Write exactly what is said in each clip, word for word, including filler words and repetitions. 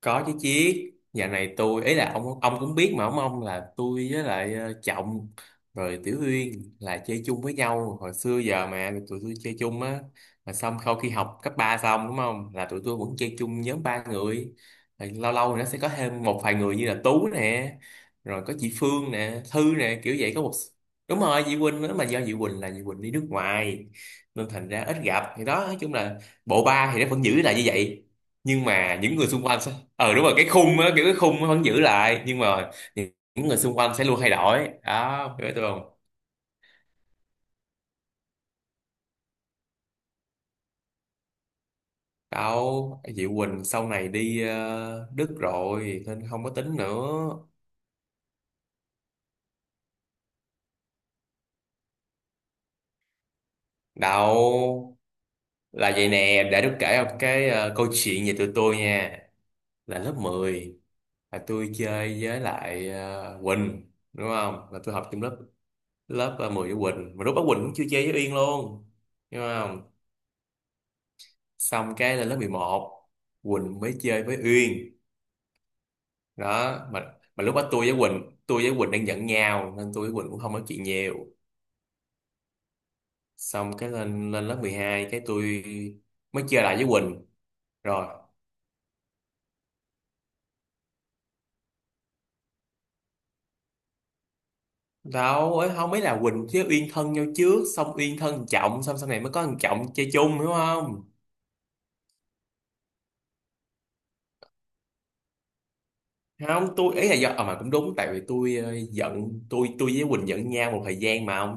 Có chứ chiết. Nhà này tôi ấy là ông ông cũng biết mà ông ông là tôi với lại ờ, Trọng rồi Tiểu Uyên là chơi chung với nhau hồi xưa giờ mà tụi tôi chơi chung á, mà xong sau khi học cấp ba xong đúng không là tụi tôi vẫn chơi chung nhóm ba người, rồi lâu lâu thì nó sẽ có thêm một vài người như là Tú nè, rồi có chị Phương nè Thư nè kiểu vậy có một. Đúng rồi chị Quỳnh nữa, mà do chị Quỳnh là chị Quỳnh đi nước ngoài nên thành ra ít gặp, thì đó nói chung là bộ ba thì nó vẫn giữ lại như vậy, nhưng mà những người xung quanh. Ờ đúng rồi cái khung á, kiểu cái khung nó vẫn giữ lại nhưng mà những những người xung quanh sẽ luôn thay đổi đó, hiểu tôi không. Đâu, Diệu Quỳnh sau này đi ờ, Đức rồi nên không có tính nữa. Đâu, là vậy nè, để tôi kể một cái ờ, câu chuyện về tụi tôi nha. Là lớp mười, là tôi chơi với lại ờ, Quỳnh đúng không, là tôi học chung lớp lớp ờ, mười với Quỳnh, mà lúc đó Quỳnh cũng chưa chơi với Uyên luôn đúng không. Xong cái là lớp mười một Quỳnh mới chơi với Uyên. Đó mà mà lúc đó tôi với Quỳnh tôi với Quỳnh đang giận nhau nên tôi với Quỳnh cũng không nói chuyện nhiều. Xong cái lên lên lớp mười hai cái tôi mới chơi lại với Quỳnh rồi. Đâu ấy không biết là Quỳnh với Uyên thân nhau trước, xong Uyên thân thằng Trọng, xong sau này mới có thằng Trọng chơi chung hiểu không. Không tôi ý là do à, mà cũng đúng tại vì tôi ờ, giận tôi tôi với Quỳnh giận nhau một thời gian mà không.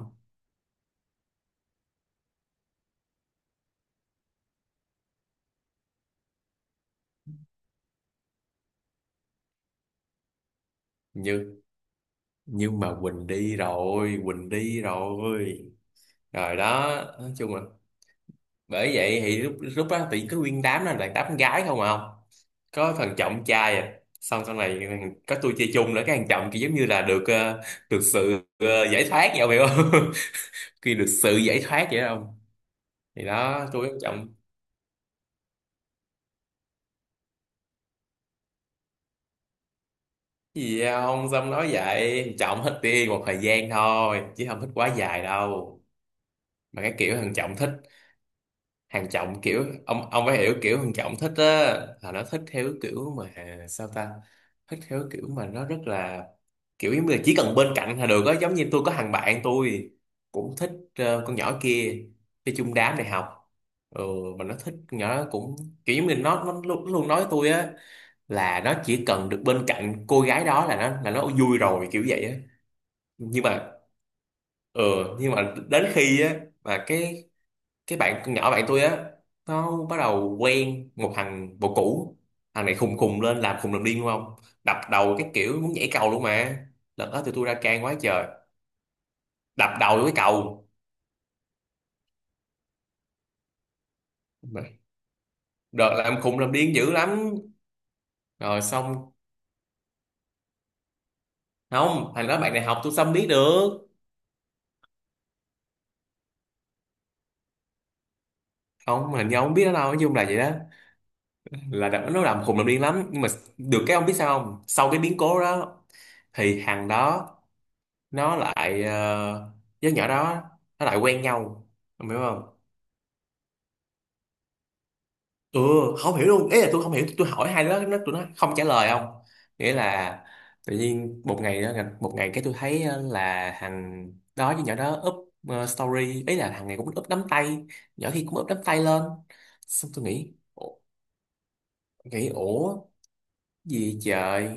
nhưng nhưng mà Quỳnh đi rồi, Quỳnh đi rồi, rồi đó nói chung là bởi vậy thì lúc lúc đó thì có nguyên đám đó là đám con gái không à không, có thằng trọng trai à. Xong sau này ừ, có tôi chơi chung nữa, cái thằng trọng kia giống như là được ờ, được sự ờ, giải thoát vậy ông hiểu không. Khi được sự giải thoát vậy đó ông, thì đó tôi với thằng trọng. "Cái gì vậy ông xong nói vậy, thằng trọng thích đi một thời gian thôi chứ không thích quá dài đâu. Mà cái kiểu thằng trọng thích, Hàng Trọng kiểu ông ông phải hiểu, kiểu Hàng Trọng thích á, là nó thích theo kiểu mà sao ta, thích theo kiểu mà nó rất là kiểu giống như là chỉ cần bên cạnh là được á. Giống như tôi có thằng bạn tôi cũng thích ờ, con nhỏ kia chơi chung đám đại học, ừ, mà nó thích con nhỏ đó cũng kiểu giống như nó nó luôn, luôn nói với tôi á, là nó chỉ cần được bên cạnh cô gái đó là nó là nó vui rồi kiểu vậy á. Nhưng mà, ừ, nhưng mà đến khi á, mà cái cái bạn con nhỏ bạn tôi á nó bắt đầu quen một thằng bồ cũ, thằng này khùng khùng lên làm khùng làm điên đúng không, đập đầu cái kiểu muốn nhảy cầu luôn mà. Lần đó tụi tôi ra can quá trời, đập đầu vô cái cầu, đợt làm khùng làm điên dữ lắm rồi xong. Không thằng đó bạn đại học tôi xâm biết được, không hình như ông biết nó đâu nói chung là vậy đó, là đợt đó nó làm khùng làm điên lắm nhưng mà được cái ông biết sao không, sau cái biến cố đó thì thằng đó nó lại ờ, với nhỏ đó nó lại quen nhau. Ông hiểu không. Ừ, không hiểu luôn ý là tôi không hiểu, tôi hỏi hai đứa nó tụi nó không trả lời không, nghĩa là tự nhiên một ngày đó, một ngày cái tôi thấy ờ, là thằng đó với nhỏ đó up ờ, story, ý là thằng này cũng up nắm tay, nhỏ kia cũng up nắm tay lên. Xong tôi nghĩ ủa- nghĩ ủa- gì trời,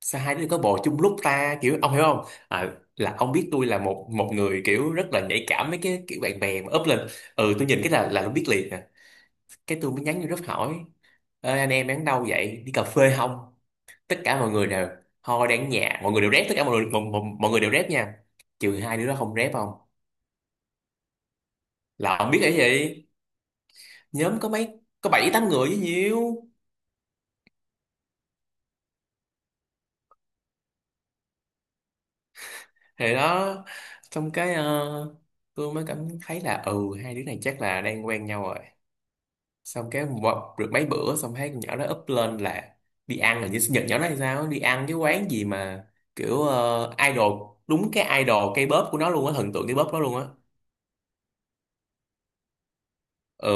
sao hai đứa có bồ chung lúc ta kiểu ông hiểu không. À, là ông biết tôi là một một người kiểu rất là nhạy cảm mấy cái kiểu bạn bè mà up lên. Ừ tôi nhìn cái là là tôi biết liền. Cái tôi mới nhắn vô group hỏi, ê, anh em đang đâu vậy đi cà phê không, tất cả mọi người đều thôi đang ở nhà mọi người đều rep, tất cả mọi người mọi, mọi, mọi người đều rep nha, trừ hai đứa đó không rep không, là không biết cái gì. Nhóm có mấy có bảy tám người với nhiêu. Thì đó xong cái ờ, tôi mới cảm thấy là ừ hai đứa này chắc là đang quen nhau rồi. Xong cái một, được mấy bữa xong thấy con nhỏ đó up lên là đi ăn, là như sinh nhật nhỏ đó hay sao á, đi ăn cái quán gì mà kiểu ờ, idol, đúng cái idol cây bóp của nó luôn á, thần tượng cây bóp đó luôn á. ờ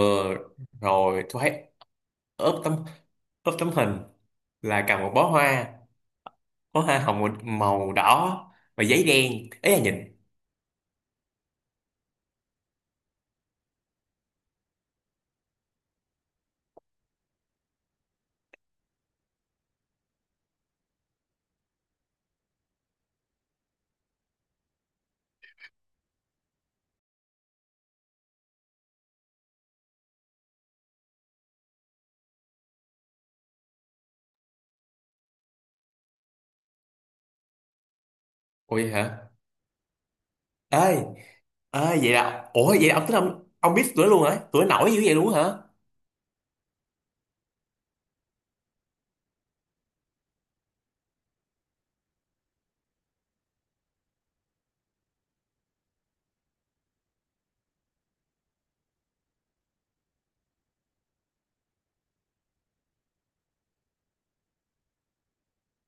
Rồi tôi thấy up tấm up tấm hình là cầm một bó hoa, bó hoa hồng màu đỏ và giấy đen, ấy là nhìn. Ôi hả, ơi ơi vậy là ủa vậy là ông tính ông ông biết tụi nó luôn hả, tụi nó nổi dữ vậy luôn hả.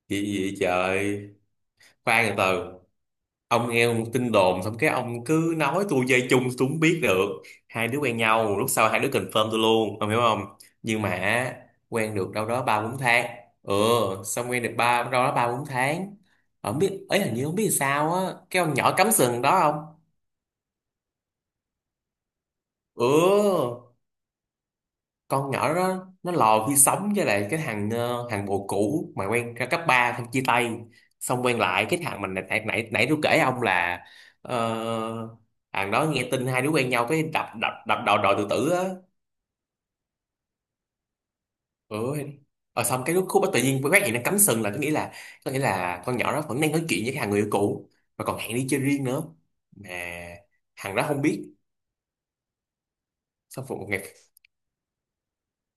Vậy, vậy trời. Khoan từ từ, ông nghe một tin đồn xong cái ông cứ nói tôi dây chung, tôi không biết được. Hai đứa quen nhau lúc sau hai đứa confirm tôi luôn ông hiểu không. Nhưng mà quen được đâu đó ba bốn tháng, ừ, xong quen được ba đâu đó ba bốn tháng không biết ấy, hình như không biết sao á, cái ông nhỏ cắm sừng đó không. Ừ. Con nhỏ đó nó lò khi sống với lại cái thằng ờ, thằng bồ cũ mà quen ra cấp ba xong chia tay, xong quen lại cái thằng mình nãy nãy nãy nãy tôi kể ông là ờ, thằng đó nghe tin hai đứa quen nhau cái đập đập đập đầu đòi tự tử á. Ừ. Ờ, xong cái lúc khúc đó tự nhiên phát hiện nó cắm sừng là có nghĩa là có nghĩa là con nhỏ đó vẫn đang nói chuyện với cái thằng người yêu cũ và còn hẹn đi chơi riêng nữa, mà thằng đó không biết. Xong một ngày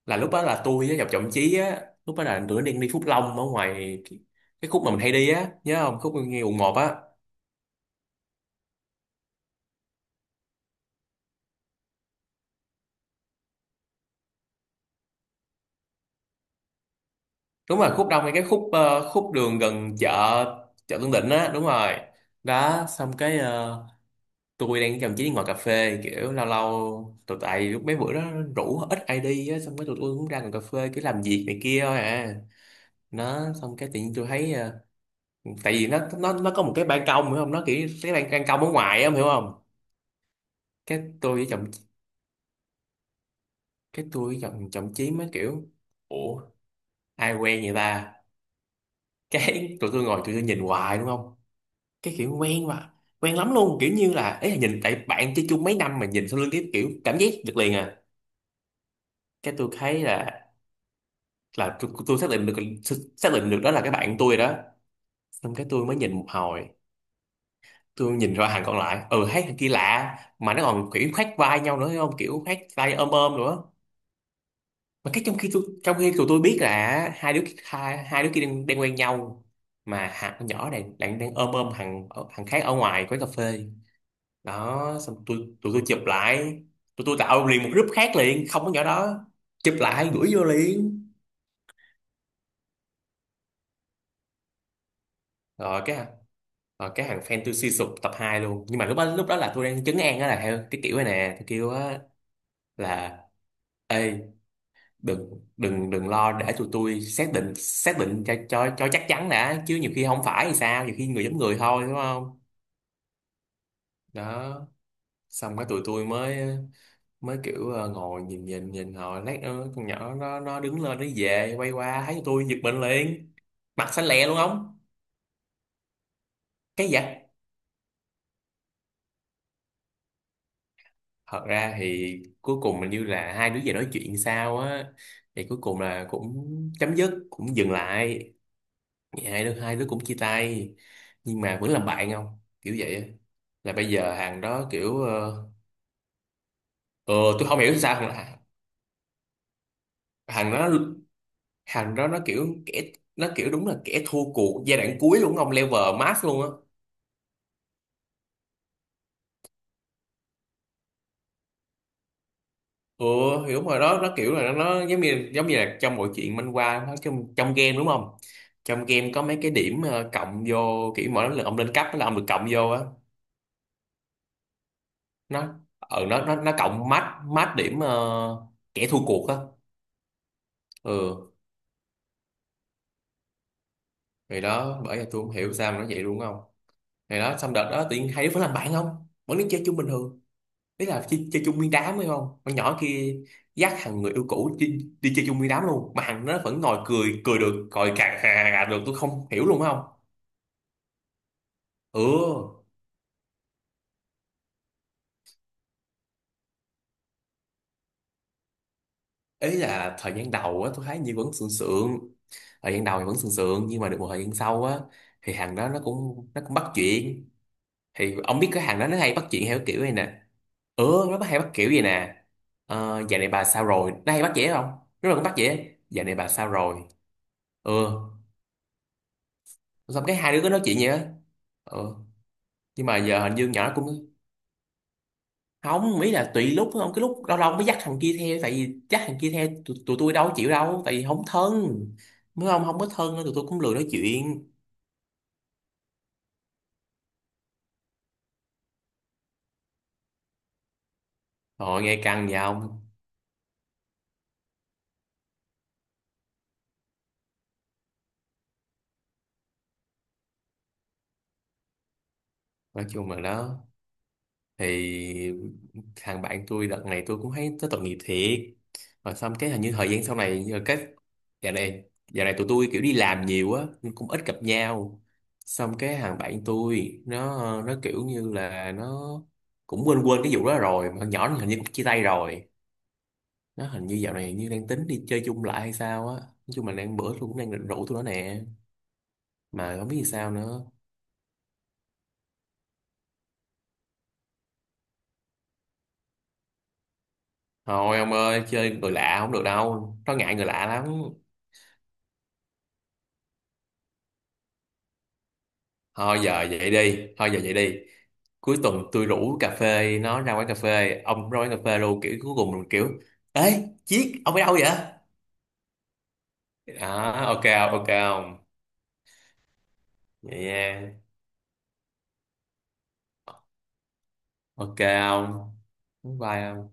là lúc đó là tôi với Ngọc Trọng Chí á, lúc đó là tụi nó đang đi Phúc Long ở ngoài cái, cái khúc mà mình hay đi á nhớ không, khúc ngay quận một á, đúng rồi khúc đông ngay cái khúc ờ, khúc đường gần chợ chợ Tân Định á, đúng rồi. Đó xong cái ờ, tôi đang với Trọng Chí đi ngồi cà phê kiểu lâu lâu tụi tại lúc mấy bữa đó rủ ít ai đi á, xong cái tụi tôi cũng ra ngồi cà phê cứ làm việc này kia thôi à, nó xong cái tự nhiên tôi thấy ờ, tại vì nó nó nó có một cái ban công hiểu không, nó kiểu cái ban, ban công ở ngoài á em hiểu không. Cái tôi với chồng, cái tôi giọng trọng chí mới kiểu ủa ai quen vậy ta. Cái tụi tôi ngồi tụi tôi nhìn hoài đúng không, cái kiểu quen mà, quen lắm luôn kiểu như là ấy là nhìn tại bạn chơi chung mấy năm mà nhìn sau lưng cái kiểu cảm giác được liền à. Cái tôi thấy là là tôi, tôi xác định được, xác định được đó là cái bạn tôi rồi đó. Xong cái tôi mới nhìn một hồi, tôi nhìn ra hàng còn lại ừ thấy thằng kia lạ mà nó còn kiểu khoác vai nhau nữa thấy không, kiểu khoác tay ôm ôm nữa, mà cái trong khi tôi trong khi tụi tôi biết là hai đứa hai, hai đứa kia đang, đang quen nhau, mà hạt con nhỏ này đang đang ôm ôm thằng thằng khác ở ngoài quán cà phê. Đó xong tôi tụi tôi chụp lại, tụi tôi tạo liền một group khác liền không có nhỏ đó, chụp lại gửi vô liền. Rồi cái rồi cái thằng fan tôi suy sụp tập hai luôn, nhưng mà lúc đó lúc đó là tôi đang trấn an đó, là theo cái kiểu này nè tôi kêu á là ê, đừng đừng đừng lo để tụi tôi xác định xác định cho cho cho chắc chắn đã chứ nhiều khi không phải thì sao, nhiều khi người giống người thôi đúng không. Đó xong cái tụi tôi mới mới kiểu ờ, ngồi nhìn nhìn nhìn họ, lát nữa con nhỏ nó nó đứng Lên nó về, quay qua thấy tôi giật mình liền, mặt xanh lè luôn không? Cái gì vậy? Thật ra thì cuối cùng mình như là hai đứa về nói chuyện sao á, thì cuối cùng là cũng chấm dứt, cũng dừng lại. Thì hai đứa hai đứa cũng chia tay nhưng mà vẫn làm bạn không, kiểu vậy á. Là bây giờ hàng đó kiểu ờ ờ, tôi không hiểu sao là hàng đó, hàng đó nó kiểu kẻ, nó kiểu đúng là kẻ thua cuộc giai đoạn cuối luôn, ông level max luôn á. Ừ, hiểu mà đó, nó kiểu là nó, nó giống như giống như là trong mọi chuyện manh qua, nó trong trong game đúng không? Trong game có mấy cái điểm ờ, cộng vô, kiểu mỗi lần ông lên cấp là ông được cộng vô á. Nó ờ nó nó nó cộng mát mát điểm ờ, kẻ thua cuộc á. Ừ. Ngày đó bởi vì tôi không hiểu sao mà nó vậy luôn không. Ngày đó xong đợt đó tự nhiên hai đứa vẫn làm bạn không, vẫn đi chơi chung bình thường. Đấy là chơi, chơi chung nguyên đám hay không. Con nhỏ kia dắt thằng người yêu cũ đi, đi chơi chung nguyên đám luôn. Mà thằng nó vẫn ngồi cười, cười được, cười cà cà cà được. Tôi không hiểu luôn không. Ừ. Ý là thời gian đầu á tôi thấy như vẫn sượng sượng. Thời gian đầu thì vẫn sượng sượng, nhưng mà được một thời gian sau á thì thằng đó nó cũng nó cũng bắt chuyện. Thì ông biết cái thằng đó nó hay bắt chuyện theo kiểu này nè. Ừ, nó bắt, hay bắt kiểu gì nè? Ờ, dạo này bà sao rồi, nó hay bắt dễ không. Nó là cũng bắt dễ, dạo này bà sao rồi. Ừ. Xong cái hai đứa cứ nói chuyện vậy á. Ừ, nhưng mà giờ hình như nhỏ nó cũng không, ý là tùy lúc không, cái lúc lâu lâu mới dắt thằng kia theo, tại vì dắt thằng kia theo tụi, tụi tôi đâu có chịu đâu, tại vì không thân mới không, không có thân nữa tụi tôi cũng lười nói chuyện. Rồi nghe căng vậy không. Nói chung là đó, thì thằng bạn tôi đợt này tôi cũng thấy nó tội nghiệp thiệt. Rồi xong cái hình như thời gian sau này nhờ cái dạo này, dạo này tụi tôi kiểu đi làm nhiều á nên cũng ít gặp nhau. Xong cái thằng bạn tôi nó nó kiểu như là nó cũng quên, quên cái vụ đó rồi, mà con nhỏ nó hình như cũng chia tay rồi. Nó hình như dạo này như đang tính đi chơi chung lại hay sao á. Nói chung là đang bữa tôi cũng đang định rủ tụi nó nè, mà không biết vì sao nữa. Thôi ông ơi, chơi người lạ không được đâu, nó ngại người lạ lắm. Thôi giờ vậy đi, thôi giờ vậy đi, cuối tuần tôi rủ cà phê, nó ra quán cà phê, ông ra quán cà phê luôn, kiểu cuối cùng mình kiểu: ê chiếc ông ở đâu vậy. Đó, ok không, ok không? Vậy nha, ok không? Bye.